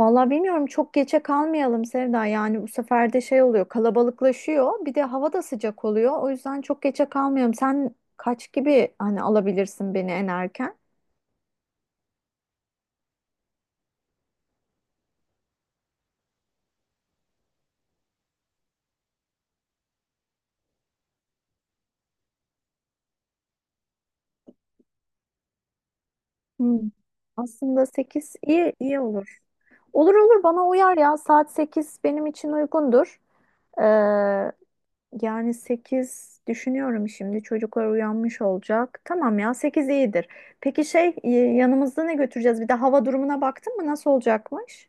Vallahi bilmiyorum, çok geçe kalmayalım Sevda. Yani bu sefer de şey oluyor, kalabalıklaşıyor, bir de hava da sıcak oluyor. O yüzden çok geçe kalmayalım. Sen kaç gibi hani alabilirsin beni en erken? Hmm. Aslında 8 iyi iyi olur. Olur olur, bana uyar ya, saat 8 benim için uygundur. Ee, Yani 8 düşünüyorum, şimdi çocuklar uyanmış olacak. Tamam ya 8 iyidir. Peki şey, yanımızda ne götüreceğiz? Bir de hava durumuna baktın mı, nasıl olacakmış?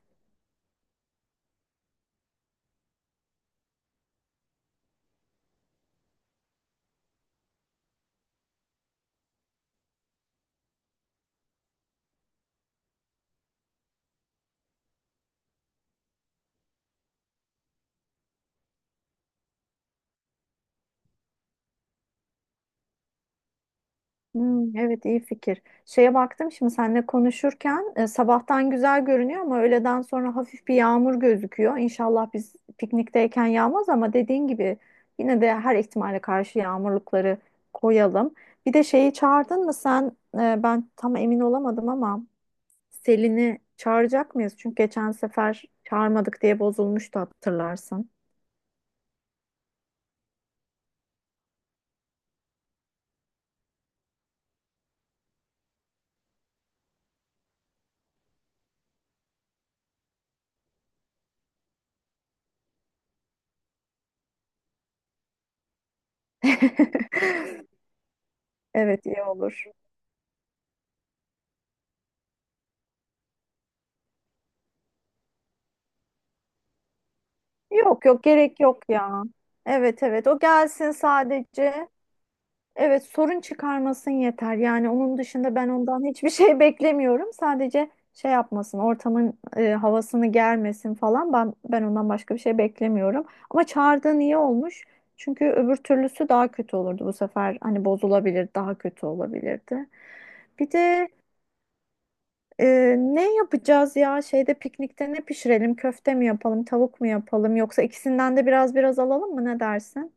Hmm, evet iyi fikir. Şeye baktım şimdi seninle konuşurken, sabahtan güzel görünüyor ama öğleden sonra hafif bir yağmur gözüküyor. İnşallah biz piknikteyken yağmaz, ama dediğin gibi yine de her ihtimale karşı yağmurlukları koyalım. Bir de şeyi çağırdın mı sen? Ben tam emin olamadım ama. Selin'i çağıracak mıyız? Çünkü geçen sefer çağırmadık diye bozulmuştu, hatırlarsın. Evet iyi olur. Yok yok, gerek yok ya. Evet evet, o gelsin sadece. Evet, sorun çıkarmasın yeter. Yani onun dışında ben ondan hiçbir şey beklemiyorum. Sadece şey yapmasın, ortamın havasını germesin falan. Ben ondan başka bir şey beklemiyorum. Ama çağırdığın iyi olmuş. Çünkü öbür türlüsü daha kötü olurdu bu sefer. Hani bozulabilir, daha kötü olabilirdi. Bir de e, ne yapacağız ya? Şeyde, piknikte ne pişirelim? Köfte mi yapalım, tavuk mu yapalım? Yoksa ikisinden de biraz biraz alalım mı? Ne dersin?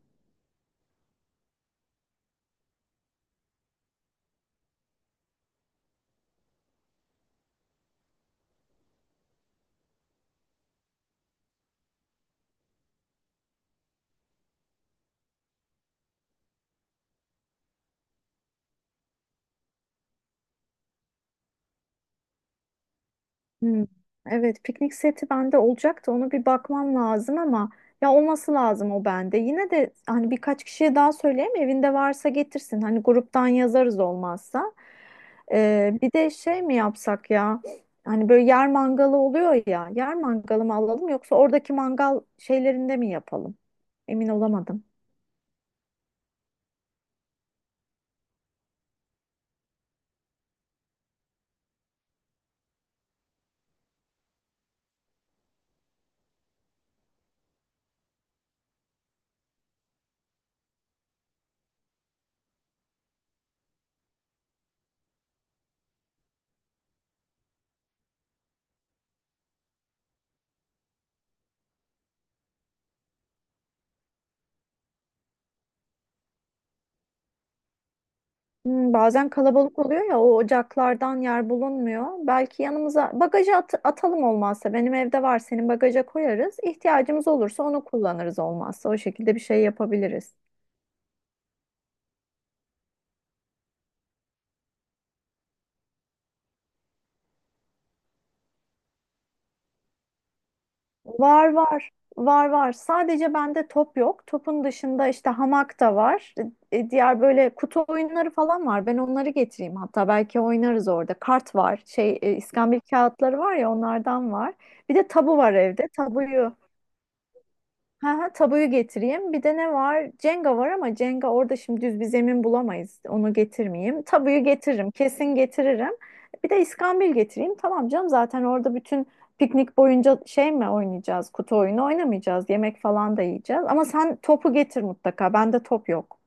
Hmm. Evet, piknik seti bende olacaktı. Onu bir bakmam lazım ama ya olması lazım o bende. Yine de hani birkaç kişiye daha söyleyeyim, evinde varsa getirsin. Hani gruptan yazarız olmazsa. Bir de şey mi yapsak ya? Hani böyle yer mangalı oluyor ya. Yer mangalı mı alalım, yoksa oradaki mangal şeylerinde mi yapalım? Emin olamadım. Hmm, bazen kalabalık oluyor ya, o ocaklardan yer bulunmuyor. Belki yanımıza bagaja atalım, olmazsa benim evde var, senin bagaja koyarız. İhtiyacımız olursa onu kullanırız, olmazsa o şekilde bir şey yapabiliriz. Var var var var, sadece bende top yok. Topun dışında işte hamak da var. Diğer böyle kutu oyunları falan var. Ben onları getireyim, hatta belki oynarız orada. Kart var, şey, iskambil kağıtları var ya, onlardan var. Bir de tabu var evde, tabuyu. Ha, ha, tabuyu getireyim. Bir de ne var? Cenga var ama Cenga orada şimdi düz bir zemin bulamayız. Onu getirmeyeyim. Tabuyu getiririm. Kesin getiririm. Bir de iskambil getireyim. Tamam canım, zaten orada bütün piknik boyunca şey mi oynayacağız? Kutu oyunu oynamayacağız. Yemek falan da yiyeceğiz. Ama sen topu getir mutlaka. Bende top yok.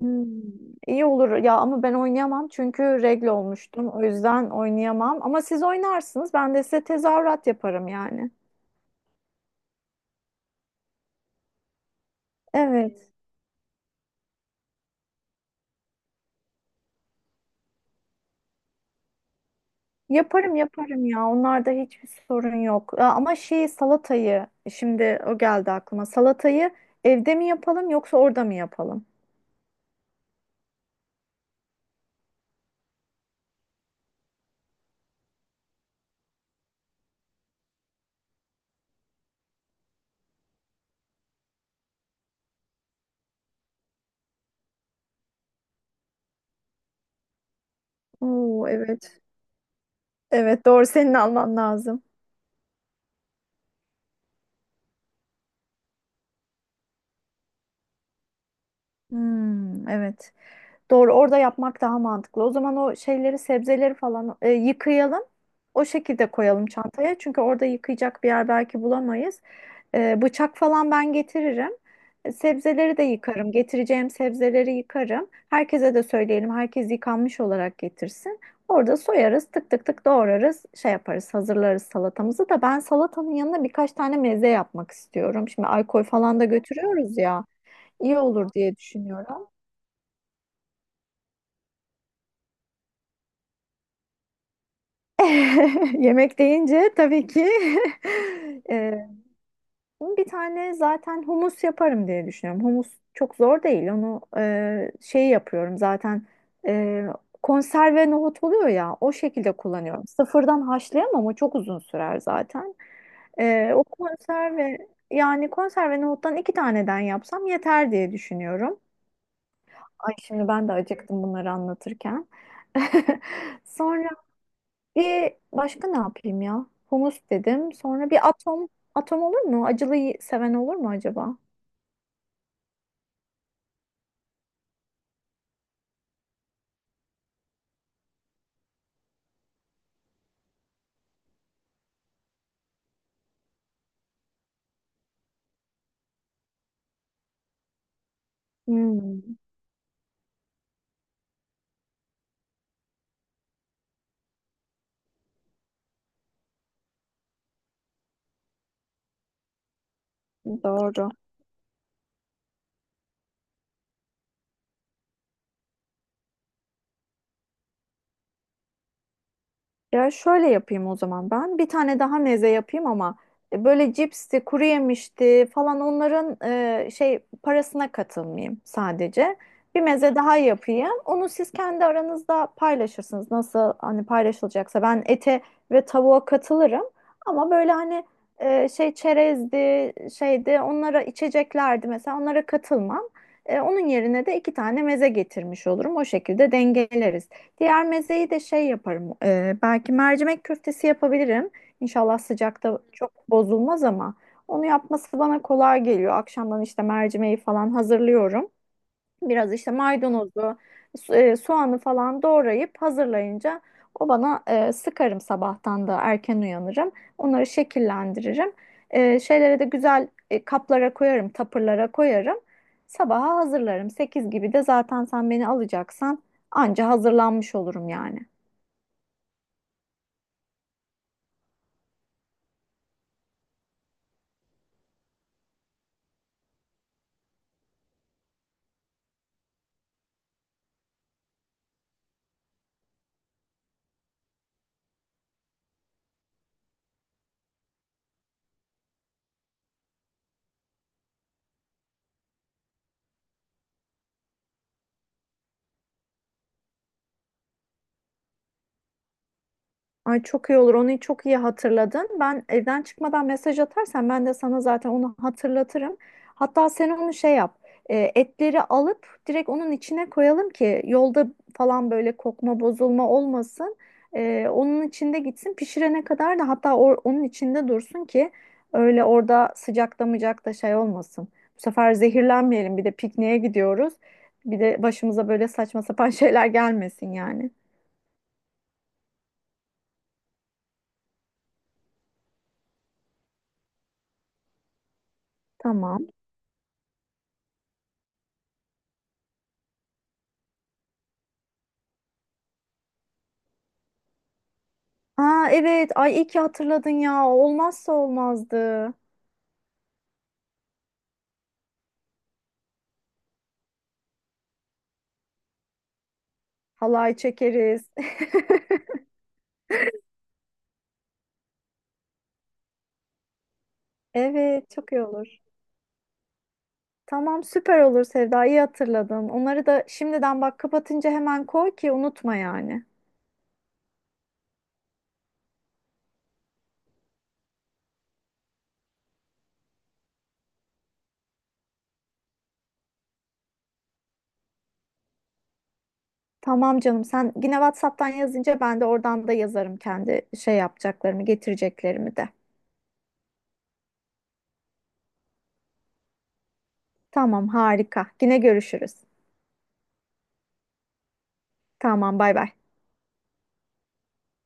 Hmm, iyi olur ya, ama ben oynayamam çünkü regle olmuştum. O yüzden oynayamam. Ama siz oynarsınız. Ben de size tezahürat yaparım yani. Evet. Yaparım yaparım ya. Onlarda hiçbir sorun yok. Aa, ama şey, salatayı, şimdi o geldi aklıma. Salatayı evde mi yapalım, yoksa orada mı yapalım? Oo evet. Evet doğru, senin alman lazım. Hmm, evet. Doğru, orada yapmak daha mantıklı. O zaman o şeyleri, sebzeleri falan yıkayalım. O şekilde koyalım çantaya. Çünkü orada yıkayacak bir yer belki bulamayız. Bıçak falan ben getiririm. Sebzeleri de yıkarım. Getireceğim sebzeleri yıkarım. Herkese de söyleyelim. Herkes yıkanmış olarak getirsin. Orada soyarız, tık tık tık doğrarız, şey yaparız, hazırlarız salatamızı da. Ben salatanın yanına birkaç tane meze yapmak istiyorum. Şimdi alkol falan da götürüyoruz ya. İyi olur diye düşünüyorum. Yemek deyince tabii ki, e, bir tane zaten humus yaparım diye düşünüyorum. Humus çok zor değil. Onu şey yapıyorum zaten, e, konserve nohut oluyor ya, o şekilde kullanıyorum. Sıfırdan haşlayamam, o çok uzun sürer zaten. O konserve, yani konserve nohuttan iki taneden yapsam yeter diye düşünüyorum. Ay, şimdi ben de acıktım bunları anlatırken. Sonra bir başka ne yapayım ya? Humus dedim. Sonra bir atom. Atom olur mu? Acılıyı seven olur mu acaba? Hmm, doğru. Ya şöyle yapayım o zaman ben. Bir tane daha meze yapayım ama böyle cipsti, kuru yemişti falan onların şey parasına katılmayayım sadece. Bir meze daha yapayım. Onu siz kendi aranızda paylaşırsınız. Nasıl, hani paylaşılacaksa, ben ete ve tavuğa katılırım. Ama böyle hani, şey çerezdi, şeydi, onlara, içeceklerdi mesela, onlara katılmam. Onun yerine de iki tane meze getirmiş olurum. O şekilde dengeleriz. Diğer mezeyi de şey yaparım. Belki mercimek köftesi yapabilirim. İnşallah sıcakta çok bozulmaz, ama onu yapması bana kolay geliyor. Akşamdan işte mercimeği falan hazırlıyorum. Biraz işte maydanozu, soğanı falan doğrayıp hazırlayınca o bana, sıkarım, sabahtan da erken uyanırım. Onları şekillendiririm. Şeylere de güzel, kaplara koyarım, tapırlara koyarım. Sabaha hazırlarım. 8 gibi de zaten sen beni alacaksan, anca hazırlanmış olurum yani. Ay çok iyi olur. Onu çok iyi hatırladın. Ben evden çıkmadan mesaj atarsan, ben de sana zaten onu hatırlatırım. Hatta sen onu şey yap. Etleri alıp direkt onun içine koyalım ki yolda falan böyle kokma, bozulma olmasın. Onun içinde gitsin pişirene kadar, da hatta onun içinde dursun ki öyle orada sıcakta mıcakta şey olmasın. Bu sefer zehirlenmeyelim. Bir de pikniğe gidiyoruz. Bir de başımıza böyle saçma sapan şeyler gelmesin yani. Tamam. Aa evet. Ay iyi ki hatırladın ya. Olmazsa olmazdı. Halay çekeriz. Evet, çok iyi olur. Tamam, süper olur Sevda. İyi hatırladın. Onları da şimdiden bak, kapatınca hemen koy ki unutma yani. Tamam canım. Sen yine WhatsApp'tan yazınca ben de oradan da yazarım, kendi şey yapacaklarımı, getireceklerimi de. Tamam, harika. Yine görüşürüz. Tamam, bay bay.